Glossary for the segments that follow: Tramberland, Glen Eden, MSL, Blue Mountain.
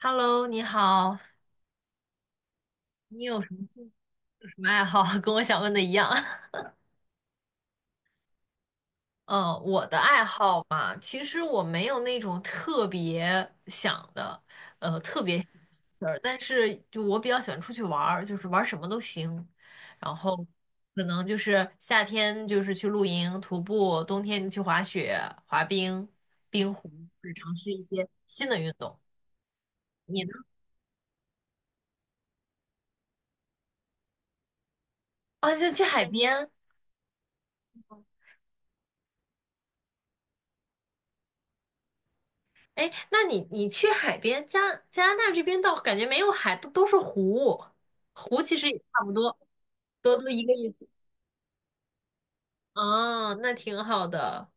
Hello，你好，你有什么兴趣有什么爱好？跟我想问的一样。嗯，我的爱好嘛，其实我没有那种特别想的事儿，但是就我比较喜欢出去玩儿，就是玩儿什么都行。然后可能就是夏天就是去露营、徒步，冬天就去滑雪、滑冰、冰壶，就是尝试一些新的运动。你呢？啊，就去海边。哎，那你去海边，加拿大这边倒感觉没有海，都是湖，湖其实也差不多，都一个意思。啊，那挺好的。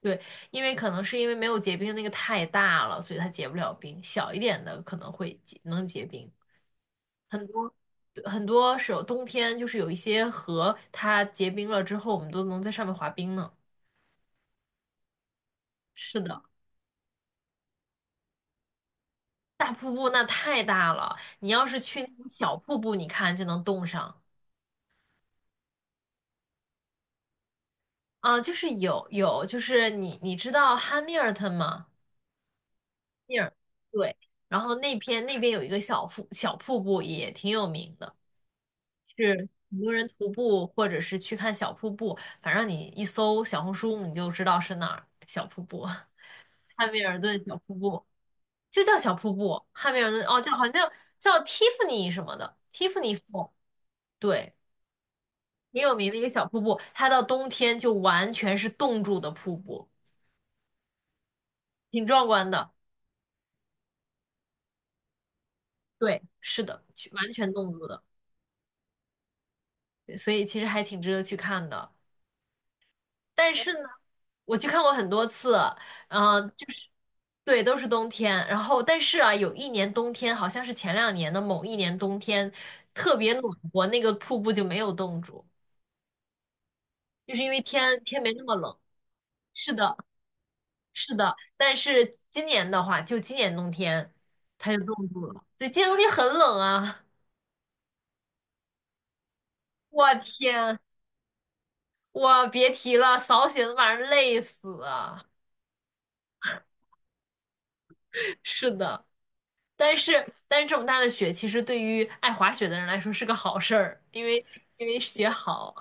对，因为可能是因为没有结冰的那个太大了，所以它结不了冰。小一点的可能会结，能结冰。很多很多时候冬天就是有一些河，它结冰了之后，我们都能在上面滑冰呢。是的，大瀑布那太大了，你要是去那种小瀑布，你看就能冻上。啊，就是有，就是你知道汉密尔顿吗？密尔，对，然后那边有一个小瀑布也挺有名的，是很多人徒步或者是去看小瀑布，反正你一搜小红书你就知道是哪儿小瀑布，汉密尔顿小瀑布就叫小瀑布，汉密尔顿哦，好像叫蒂芙尼什么的，蒂芙尼瀑，对，挺有名的一个小瀑布，它到冬天就完全是冻住的瀑布，挺壮观的。对，是的，去完全冻住的，对所以其实还挺值得去看的。但是呢，我去看过很多次，嗯、就是对，都是冬天。然后，但是啊，有一年冬天，好像是前两年的某一年冬天，特别暖和，那个瀑布就没有冻住，就是因为天天没那么冷。是的，是的。但是今年的话，就今年冬天，它就冻住了。对，今年冬天很冷啊，我天，我别提了，扫雪都把人累死啊。是的，但是这么大的雪，其实对于爱滑雪的人来说是个好事儿，因为因为雪好。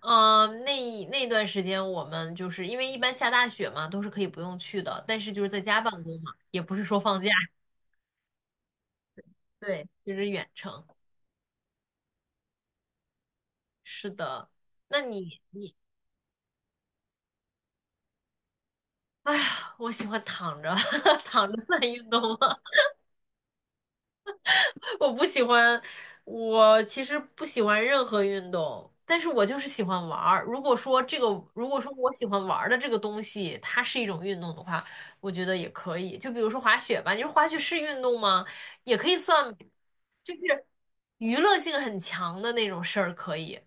那段时间我们就是因为一般下大雪嘛，都是可以不用去的，但是就是在家办公嘛，也不是说放假，对，就是远程。是的，那你，哎呀，我喜欢躺着 躺着算运动吗？我不喜欢，我其实不喜欢任何运动，但是我就是喜欢玩儿。如果说这个，如果说我喜欢玩儿的这个东西，它是一种运动的话，我觉得也可以。就比如说滑雪吧，你说滑雪是运动吗？也可以算娱乐性很强的那种事儿，可以。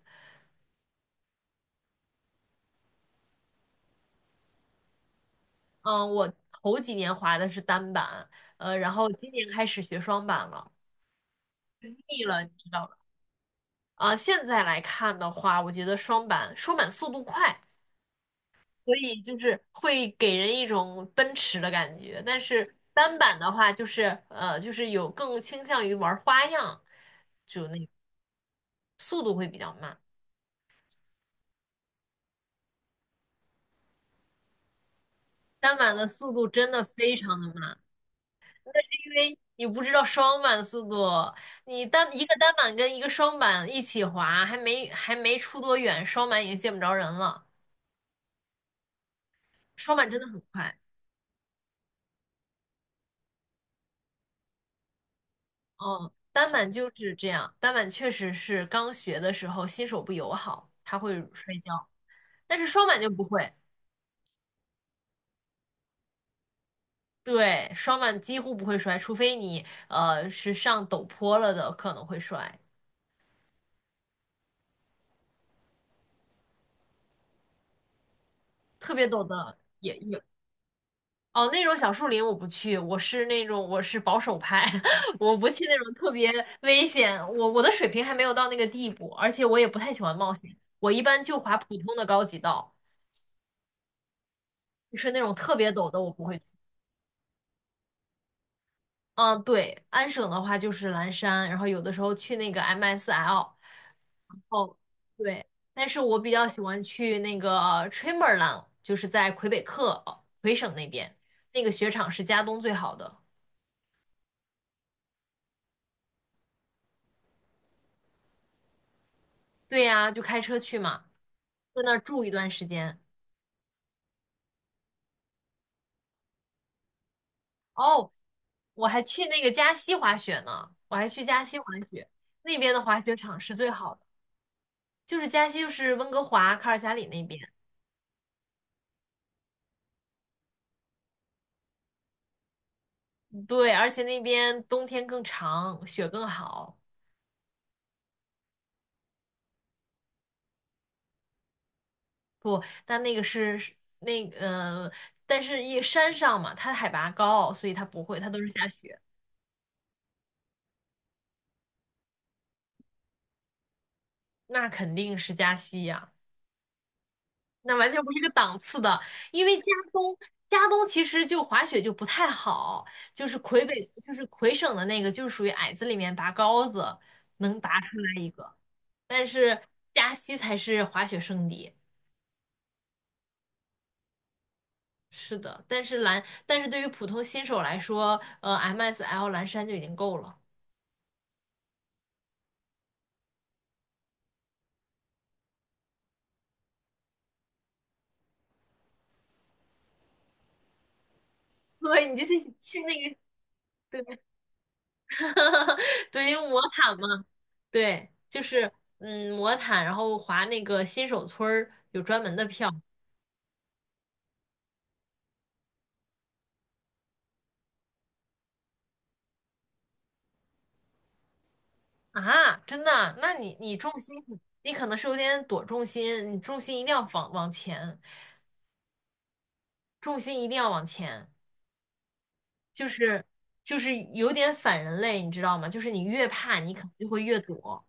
嗯，我头几年滑的是单板，然后今年开始学双板了，腻了，你知道吧？啊，现在来看的话，我觉得双板速度快。所以就是会给人一种奔驰的感觉。但是单板的话，就是就是有更倾向于玩花样，就那个速度会比较慢。单板的速度真的非常的慢，因为你不知道双板速度，你单一个单板跟一个双板一起滑，还没出多远，双板已经见不着人了。双板真的很快，嗯，单板就是这样，单板确实是刚学的时候新手不友好，他会摔跤。但是双板就不会，对，双板几乎不会摔，除非你是上陡坡了的，可能会摔。特别陡的哦，那种小树林我不去，我是保守派，我不去那种特别危险。我的水平还没有到那个地步，而且我也不太喜欢冒险。我一般就滑普通的高级道，就是那种特别陡的我不会去。嗯，对，安省的话就是蓝山，然后有的时候去那个 MSL。哦，对，但是我比较喜欢去那个 t r a m b e r l a i n 就是在魁北克哦魁省那边，那个雪场是加东最好的。对呀，就开车去嘛，在那儿住一段时间。哦，我还去那个加西滑雪呢，我还去加西滑雪，那边的滑雪场是最好的，就是加西就是温哥华、卡尔加里那边，对，而且那边冬天更长，雪更好。不，但那个是是那呃，但是一山上嘛，它海拔高，所以它不会，它都是下雪。那肯定是加西呀、那完全不是一个档次的。因为加东，加东其实就滑雪就不太好，就是魁北，就是魁省的那个，就是属于矮子里面拔高子，能拔出来一个。但是加西才是滑雪圣地。是的，但是对于普通新手来说，MSL 蓝山就已经够了。对，你就去那个对，对，因为魔毯嘛，对，就是嗯，魔毯，然后划那个新手村儿有专门的票啊，真的啊？那你重心，你可能是有点躲重心，你重心一定要往前，重心一定要往前，就是就是有点反人类，你知道吗？就是你越怕，你可能就会越躲。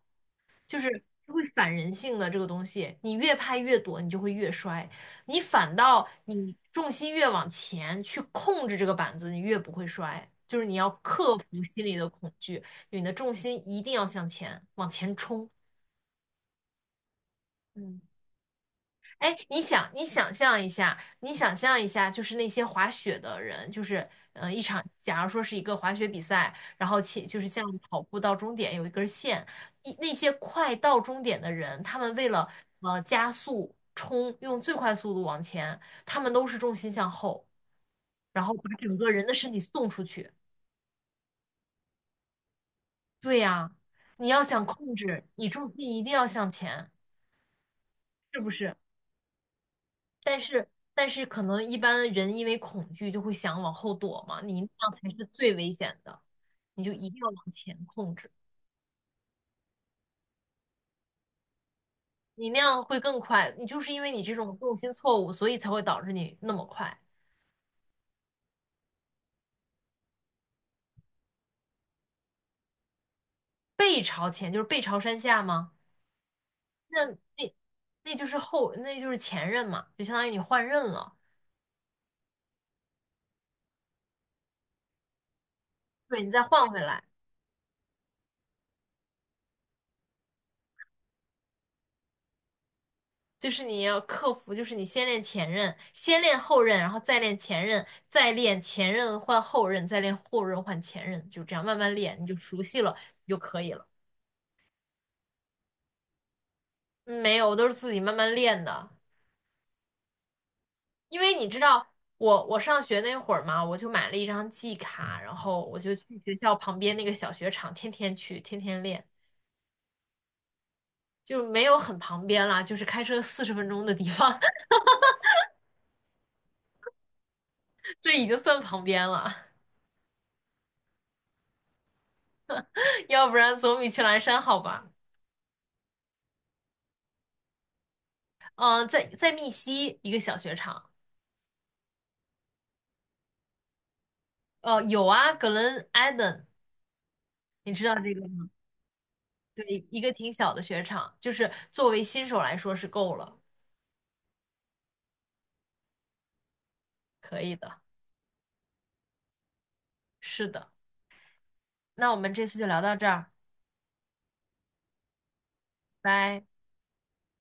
就是会反人性的这个东西，你越拍越躲，你就会越摔。你反倒你重心越往前去控制这个板子，你越不会摔。就是你要克服心里的恐惧，你的重心一定要向前，往前冲。嗯哎，你想，你想象一下，你想象一下，就是那些滑雪的人，就是，一场，假如说是一个滑雪比赛，然后且就是像跑步到终点有一根线，一那些快到终点的人，他们为了加速冲，用最快速度往前，他们都是重心向后，然后把整个人的身体送出去。对呀，你要想控制，你重心一定要向前，是不是？但是但是可能一般人因为恐惧就会想往后躲嘛，你那样才是最危险的，你就一定要往前控制，你那样会更快。你就是因为你这种重心错误，所以才会导致你那么快。背朝前就是背朝山下吗？那那那就是后，那就是前任嘛，就相当于你换刃了，对，你再换回来。就是你要克服，就是你先练前任，先练后任，然后再练前任，再练前任换后任，再练后任换前任，就这样慢慢练，你就熟悉了你就可以了。嗯没有，我都是自己慢慢练的，因为你知道我上学那会儿嘛，我就买了一张季卡，然后我就去学校旁边那个小学场，天天去，天天练，就是没有很旁边啦，就是开车40分钟的地方，这已经算旁边了，要不然总比去蓝山好吧。嗯，在密西一个小雪场，呃，有啊，Glen Eden，你知道这个吗？对，一个挺小的雪场，就是作为新手来说是够了，可以的，是的。那我们这次就聊到这儿，拜。